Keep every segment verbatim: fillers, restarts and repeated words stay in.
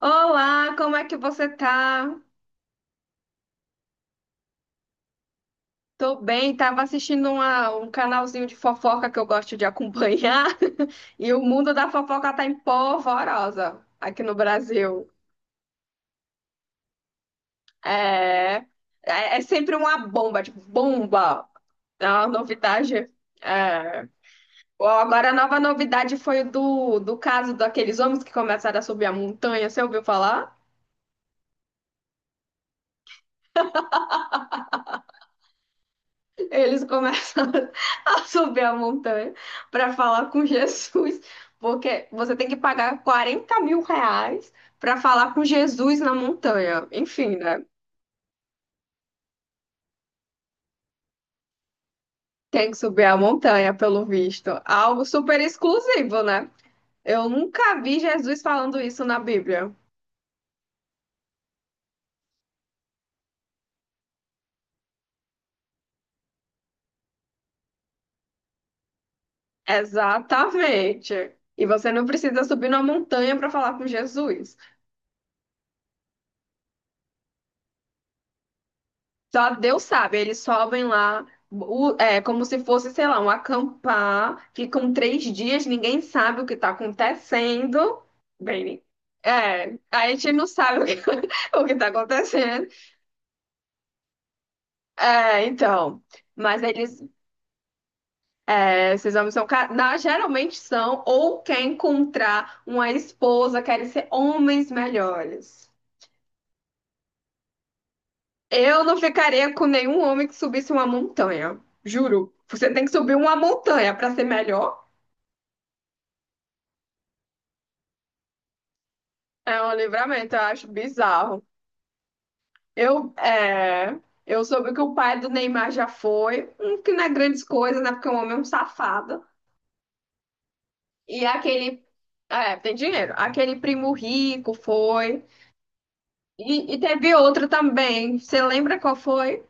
Olá, como é que você tá? Tô bem, tava assistindo uma- um canalzinho de fofoca que eu gosto de acompanhar e o mundo da fofoca tá em polvorosa aqui no Brasil. É, é, é sempre uma bomba, tipo, bomba. É uma novidade. É. Ó, agora a nova novidade foi do, do caso daqueles homens que começaram a subir a montanha, você ouviu falar? Eles começam a subir a montanha para falar com Jesus, porque você tem que pagar quarenta mil reais para falar com Jesus na montanha. Enfim, né? Tem que subir a montanha, pelo visto. Algo super exclusivo, né? Eu nunca vi Jesus falando isso na Bíblia. Exatamente. E você não precisa subir numa montanha para falar com Jesus. Só Deus sabe, eles sobem lá, o- é como se fosse, sei lá, um acampar, ficam três dias, ninguém sabe o que está acontecendo. Bem, é, a gente não sabe o que o que está acontecendo. É, então, mas eles, é, esses homens são, ca- na, geralmente são, ou quer encontrar uma esposa, querem ser homens melhores. Eu não ficaria com nenhum homem que subisse uma montanha, juro. Você tem que subir uma montanha para ser melhor. É um livramento, eu acho bizarro. Eu, é, eu soube que o pai do Neymar já foi, hum, que não é grandes coisas, né? Porque o homem é um safado. E aquele, é, tem dinheiro. Aquele primo rico foi. E, e teve outro também. Você lembra qual foi?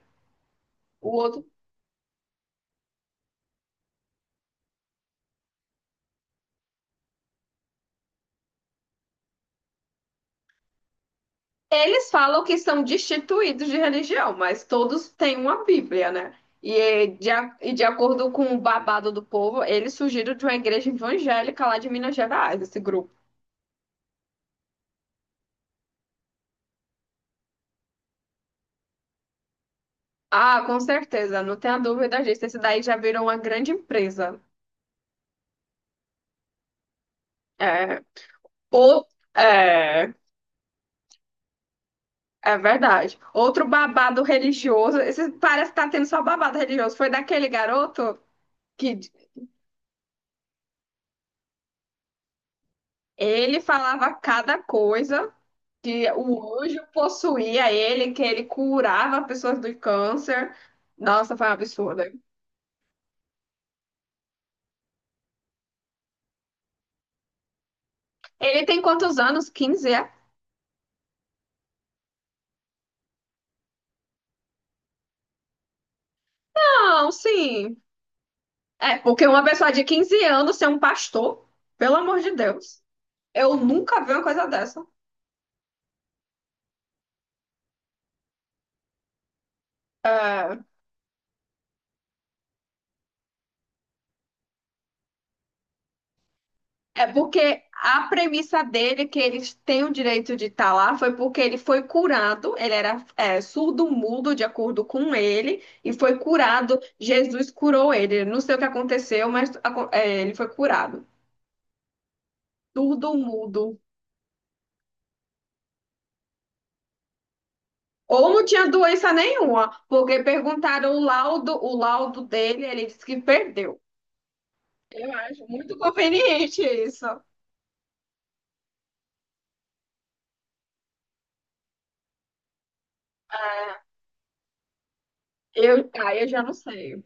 O outro. Eles falam que são destituídos de religião, mas todos têm uma Bíblia, né? E eh, de, a- e de acordo com o babado do povo, eles surgiram de uma igreja evangélica lá de Minas Gerais, esse grupo. Ah, com certeza, não tenha dúvida disso. Esse daí já virou uma grande empresa. É, ou, é, é verdade. Outro babado religioso. Esse parece que tá tendo só babado religioso. Foi daquele garoto que ele falava cada coisa, que o anjo possuía ele, que ele curava pessoas do câncer. Nossa, foi um absurdo. Ele tem quantos anos? Quinze? É? Não, sim. É, porque uma pessoa de quinze anos ser um pastor, pelo amor de Deus. Eu nunca vi uma coisa dessa. É, é porque a premissa dele, que eles têm o direito de estar lá, foi porque ele foi curado, ele era é, surdo-mudo, de acordo com ele, e foi curado, Jesus curou ele. Não sei o que aconteceu, mas aco- é, ele foi curado. Surdo-mudo. Ou não tinha doença nenhuma, porque perguntaram o laudo, o laudo dele, ele disse que perdeu. Eu acho muito conveniente isso. Eu, ah, eu já não sei.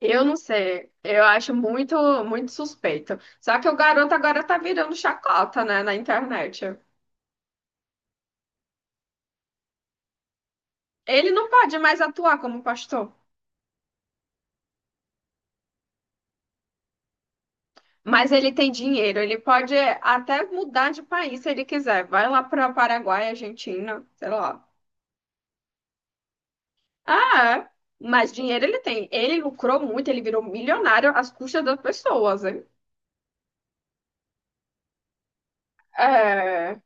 Eu não sei, eu acho muito, muito suspeito. Só que o garoto agora tá virando chacota, né, na internet. Ele não pode mais atuar como pastor, mas ele tem dinheiro, ele pode até mudar de país se ele quiser. Vai lá para Paraguai, Argentina, sei lá. Ah, é. Mas dinheiro ele tem. Ele lucrou muito, ele virou milionário às custas das pessoas, hein? É.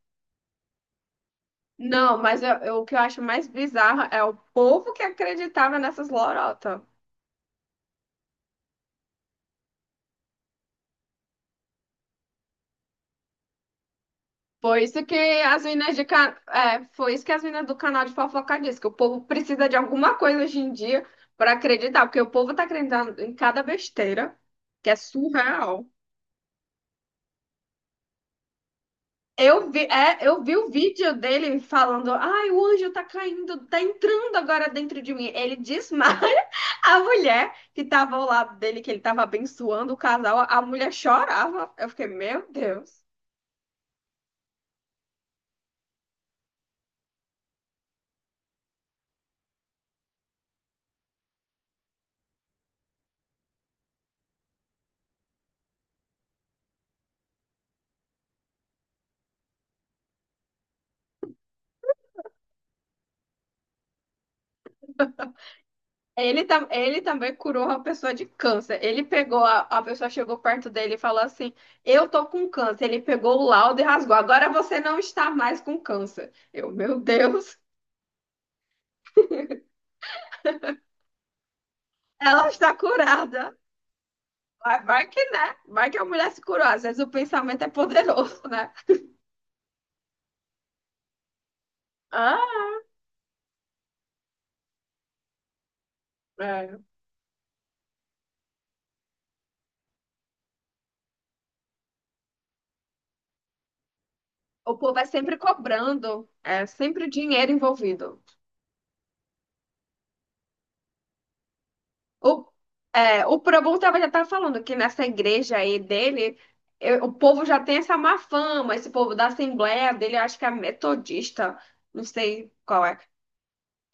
Não, mas eu- eu- o que eu acho mais bizarro é o povo que acreditava nessas lorotas. Foi isso que as minas de ca... é, Foi isso que as minas do canal de fofoca disse, que o povo precisa de alguma coisa hoje em dia para acreditar, porque o povo tá acreditando em cada besteira, que é surreal. Eu vi, é, eu vi o vídeo dele falando, ai, o anjo tá caindo, tá entrando agora dentro de mim. Ele desmaia a mulher que tava ao lado dele, que ele tava abençoando o casal, a mulher chorava. Eu fiquei, meu Deus. Ele, tam- ele também curou uma pessoa de câncer. Ele pegou, a, a pessoa chegou perto dele e falou assim: Eu tô com câncer. Ele pegou o laudo e rasgou. Agora você não está mais com câncer. Eu, meu Deus, ela está curada. Vai, vai que, né? Vai que a mulher se curou. Às vezes o pensamento é poderoso, né? Ah, é. O povo é sempre cobrando, é sempre dinheiro envolvido. O, é, o Probon tava, já tá falando que nessa igreja aí dele, eu- o povo já tem essa má fama, esse povo da Assembleia dele, eu acho que é metodista, não sei qual é.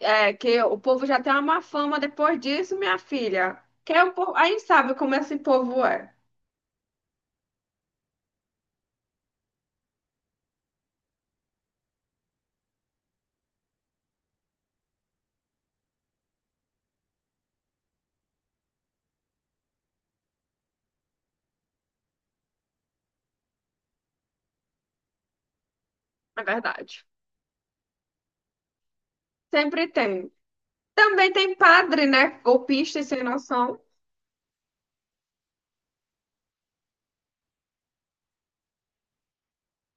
É, que o povo já tem uma má fama depois disso, minha filha. Que é um povo, aí sabe como esse povo é, é verdade. Sempre tem. Também tem padre, né? Golpista e sem noção.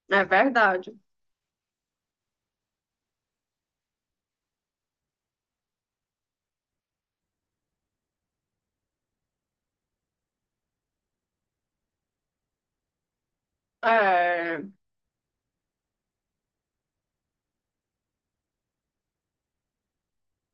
É verdade. É.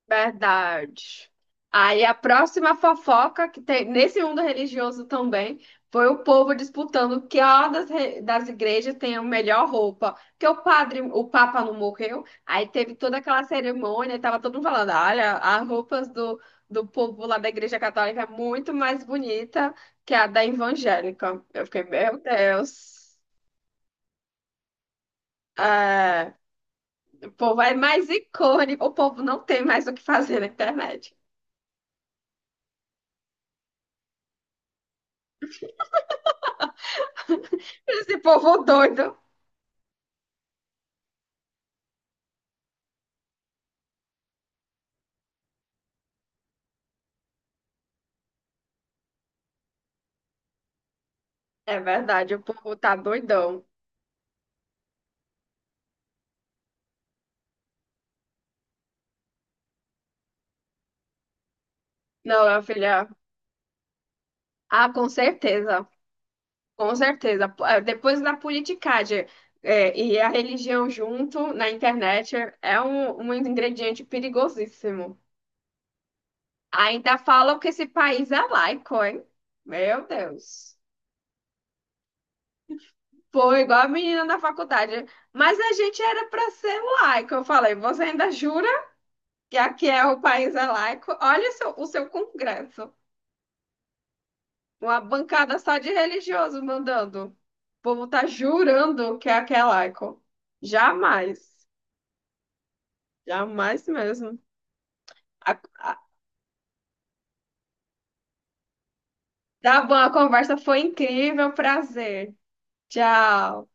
Verdade. Aí a próxima fofoca que tem nesse mundo religioso também foi o povo disputando que a das, re- das igrejas tem a melhor roupa. Porque o padre, o Papa não morreu, aí teve toda aquela cerimônia e tava todo mundo falando: olha, as roupas do, do povo lá da igreja católica é muito mais bonita que a da evangélica. Eu fiquei, meu Deus. É, o povo é mais icônico, o povo não tem mais o que fazer na internet. Esse povo doido. É verdade, o povo tá doidão. Não, minha filha. Ah, com certeza. Com certeza. P- eh, Depois da politicagem, eh, e a religião junto na internet é um, um ingrediente perigosíssimo. Ainda falam que esse país é laico, hein? Meu Deus. Pô, igual a menina da faculdade. Mas a gente era para ser laico. Eu falei, você ainda jura que aqui é o país é laico? Olha o seu o seu congresso. Uma bancada só de religioso mandando. O povo tá jurando que é aquela Icon. Jamais. Jamais mesmo. A, a, tá bom, a conversa foi incrível. Prazer. Tchau.